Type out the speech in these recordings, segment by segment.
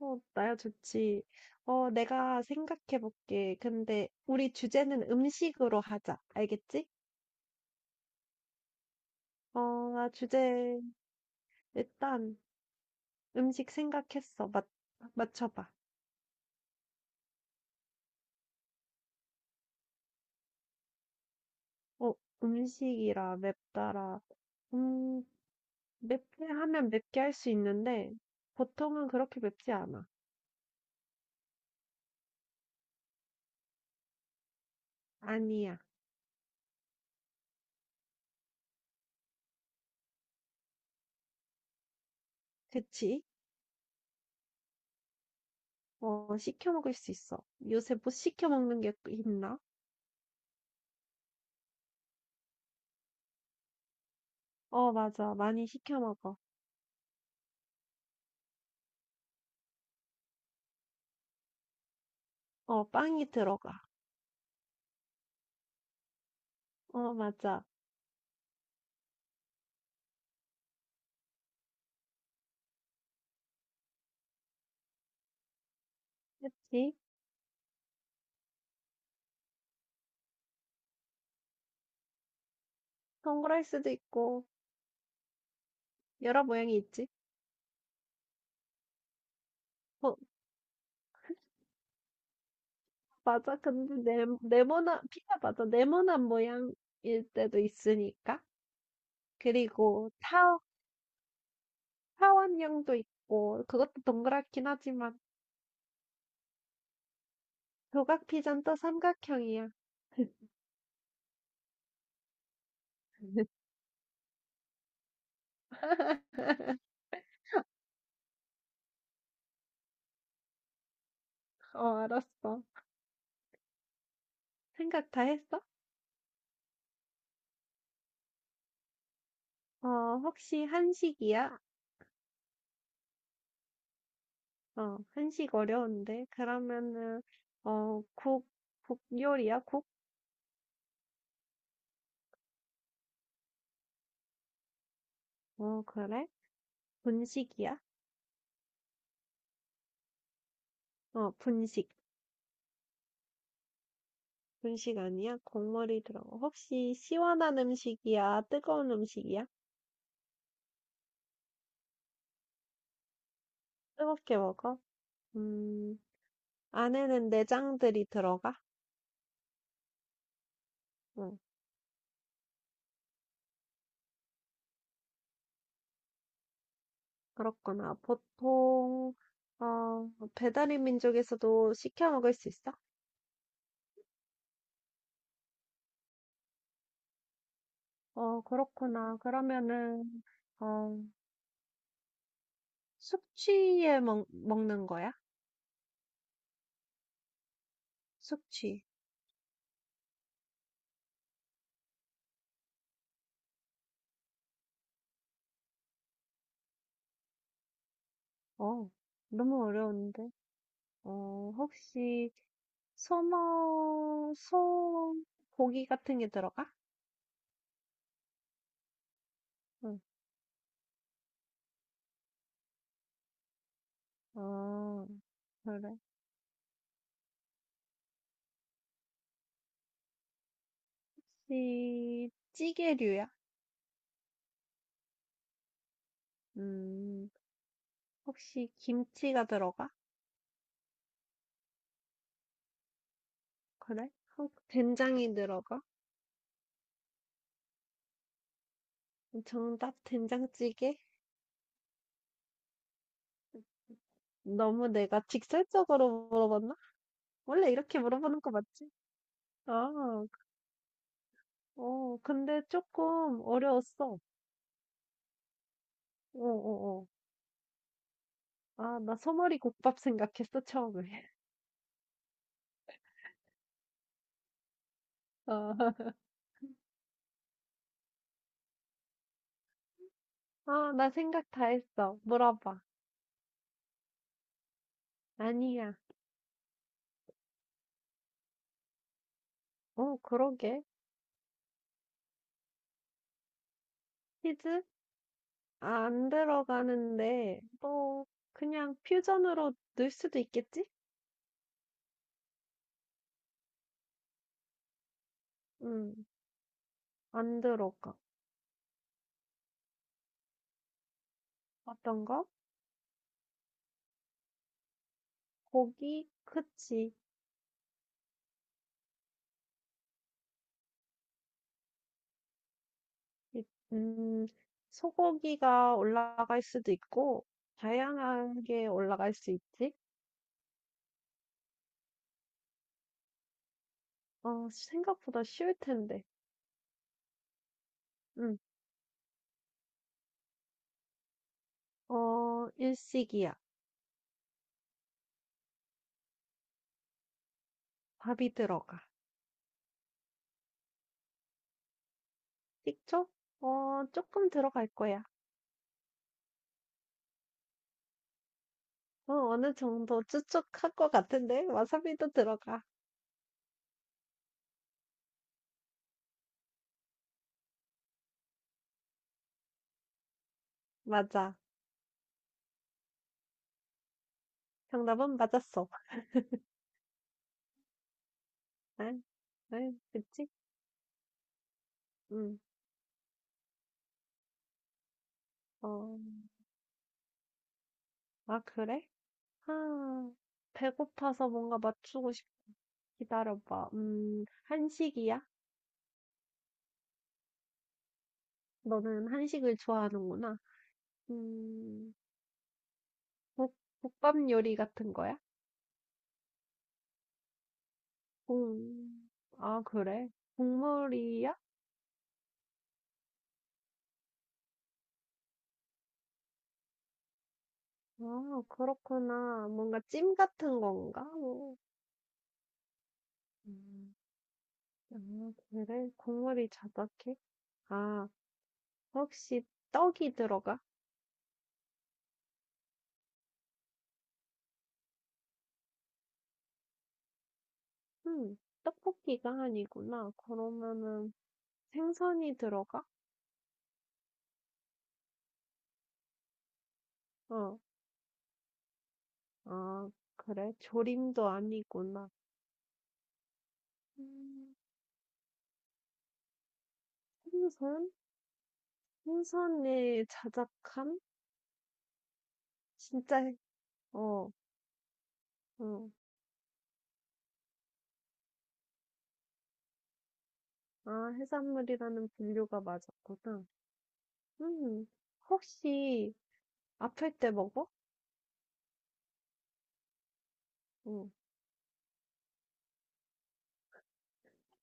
어, 나야 좋지. 어, 내가 생각해 볼게. 근데 우리 주제는 음식으로 하자. 알겠지? 어, 나 주제 일단 음식 생각했어. 맞 맞춰봐. 어, 음식이라 맵다라. 음, 맵게 하면 맵게 할 수 있는데 보통은 그렇게 맵지 않아. 아니야. 그치? 어, 시켜 먹을 수 있어. 요새 못 시켜 먹는 게 있나? 어, 맞아. 많이 시켜 먹어. 어, 빵이 들어가. 어, 맞아. 그치? 동그라스도 있고 여러 모양이 있지. 어, 맞아. 근데 네, 네모난 피자 맞아. 네모난 모양일 때도 있으니까. 그리고 타 타원형도 있고 그것도 동그랗긴 하지만 조각 피자는 또 삼각형이야. 어, 알았어. 생각 다 했어? 어, 혹시 한식이야? 어, 한식 어려운데. 그러면은 어, 국, 국 요리야? 국? 어, 그래? 분식이야? 어, 분식. 분식 아니야? 국물이 들어가. 혹시 시원한 음식이야? 뜨거운 음식이야? 뜨겁게 먹어? 음, 안에는 내장들이 들어가? 응, 그렇구나. 어, 배달의 민족에서도 시켜 먹을 수 있어? 어, 그렇구나. 어, 숙취에 먹는 거야? 숙취. 어, 너무 어려운데. 혹시 소머 소 고기 같은 게 들어가? 응. 어, 그래. 혹시 찌개류야? 음, 혹시 김치가 들어가? 그래? 어, 된장이 들어가? 정답 된장찌개? 너무 내가 직설적으로 물어봤나? 원래 이렇게 물어보는 거 맞지? 아, 어, 근데 조금 어려웠어. 어. 아, 나 소머리 국밥 생각했어, 처음에. 아, 나 생각 다 했어. 물어봐. 아니야. 어, 그러게. 히즈 아, 안 들어가는데, 또, 그냥 퓨전으로 넣을 수도 있겠지? 음, 안 들어가. 어떤 거? 고기? 그치. 이- 음, 소고기가 올라갈 수도 있고, 다양한 게 올라갈 수 있지? 어, 생각보다 쉬울 텐데. 음, 어, 일식이야. 밥이 들어가. 식초? 어, 조금 들어갈 거야. 어, 어느 정도 추측할 것 같은데? 와사비도 들어가. 맞아. 정답은 맞았어. 응, 응, 그치? 응, 어, 아, 그래? 아, 배고파서 뭔가 맞추고 싶어. 기다려봐. 한식이야? 너는 한식을 좋아하는구나. 음, 국, 국밥 요리 같은 거야? 음, 아, 그래? 국물이야? 아, 그렇구나. 뭔가 찜 같은 건가? 뭐. 아 그래? 국물이 자작해? 아, 혹시 떡이 들어가? 음, 떡볶이가 아니구나. 그러면은 생선이 들어가? 어, 아, 그래? 조림도 아니구나. 음, 생선? 생선의 자작함? 진짜, 해- 어, 어. 아, 해산물이라는 분류가 맞았구나. 음, 혹시 아플 때 먹어? 응.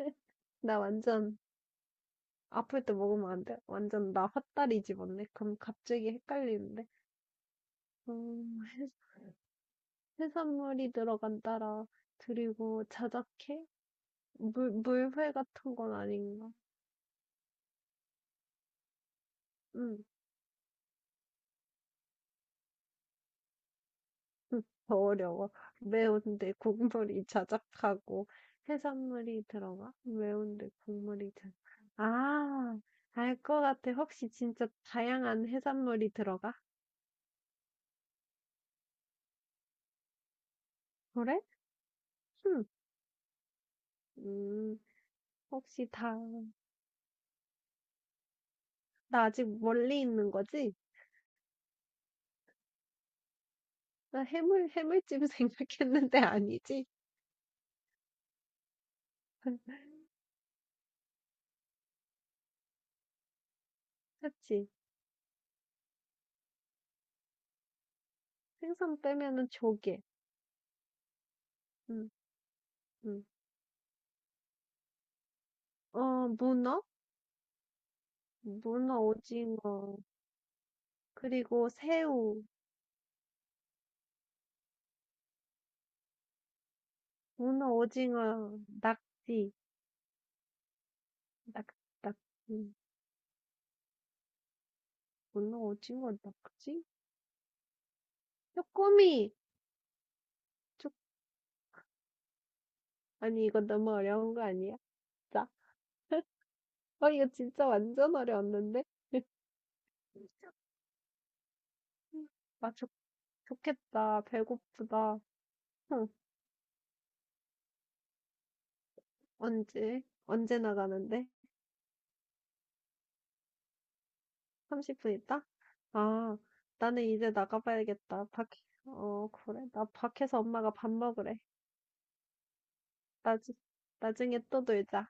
나 완전 아플 때 먹으면 안 돼. 완전 나 헛다리 집었네. 그럼 갑자기 헷갈리는데. 음, 해- 해산물이 들어간다라. 그리고 자작해? 물회 같은 건 아닌가? 응, 응, 더 어려워. 매운데 국물이 자작하고 해산물이 들어가? 매운데 국물이 자작. 아, 알 것 같아. 혹시 진짜 다양한 해산물이 들어가? 그래? 응. 음, 혹시 다, 나 아직 멀리 있는 거지? 나 해물, 해물찜 생각했는데 아니지? 그치? 생선 빼면은 조개. 응, 응. 어, 문어? 문어, 오징어. 그리고 새우. 문어, 오징어, 낙지. 낙, 낙, 음, 문어, 오징어, 낙지? 쪼꼬미! 쪼, 아니, 이거 너무 어려운 거 아니야? 자, 어, 이거 진짜 완전 어려웠는데? 쪼꼬미. 아, 좋, 좋겠다. 배고프다. 응, 언제, 언제 나가는데? 30분 있다? 아, 나는 이제 나가봐야겠다. 어, 그래. 나 밖에서 엄마가 밥 먹으래. 나 나중에 또 놀자.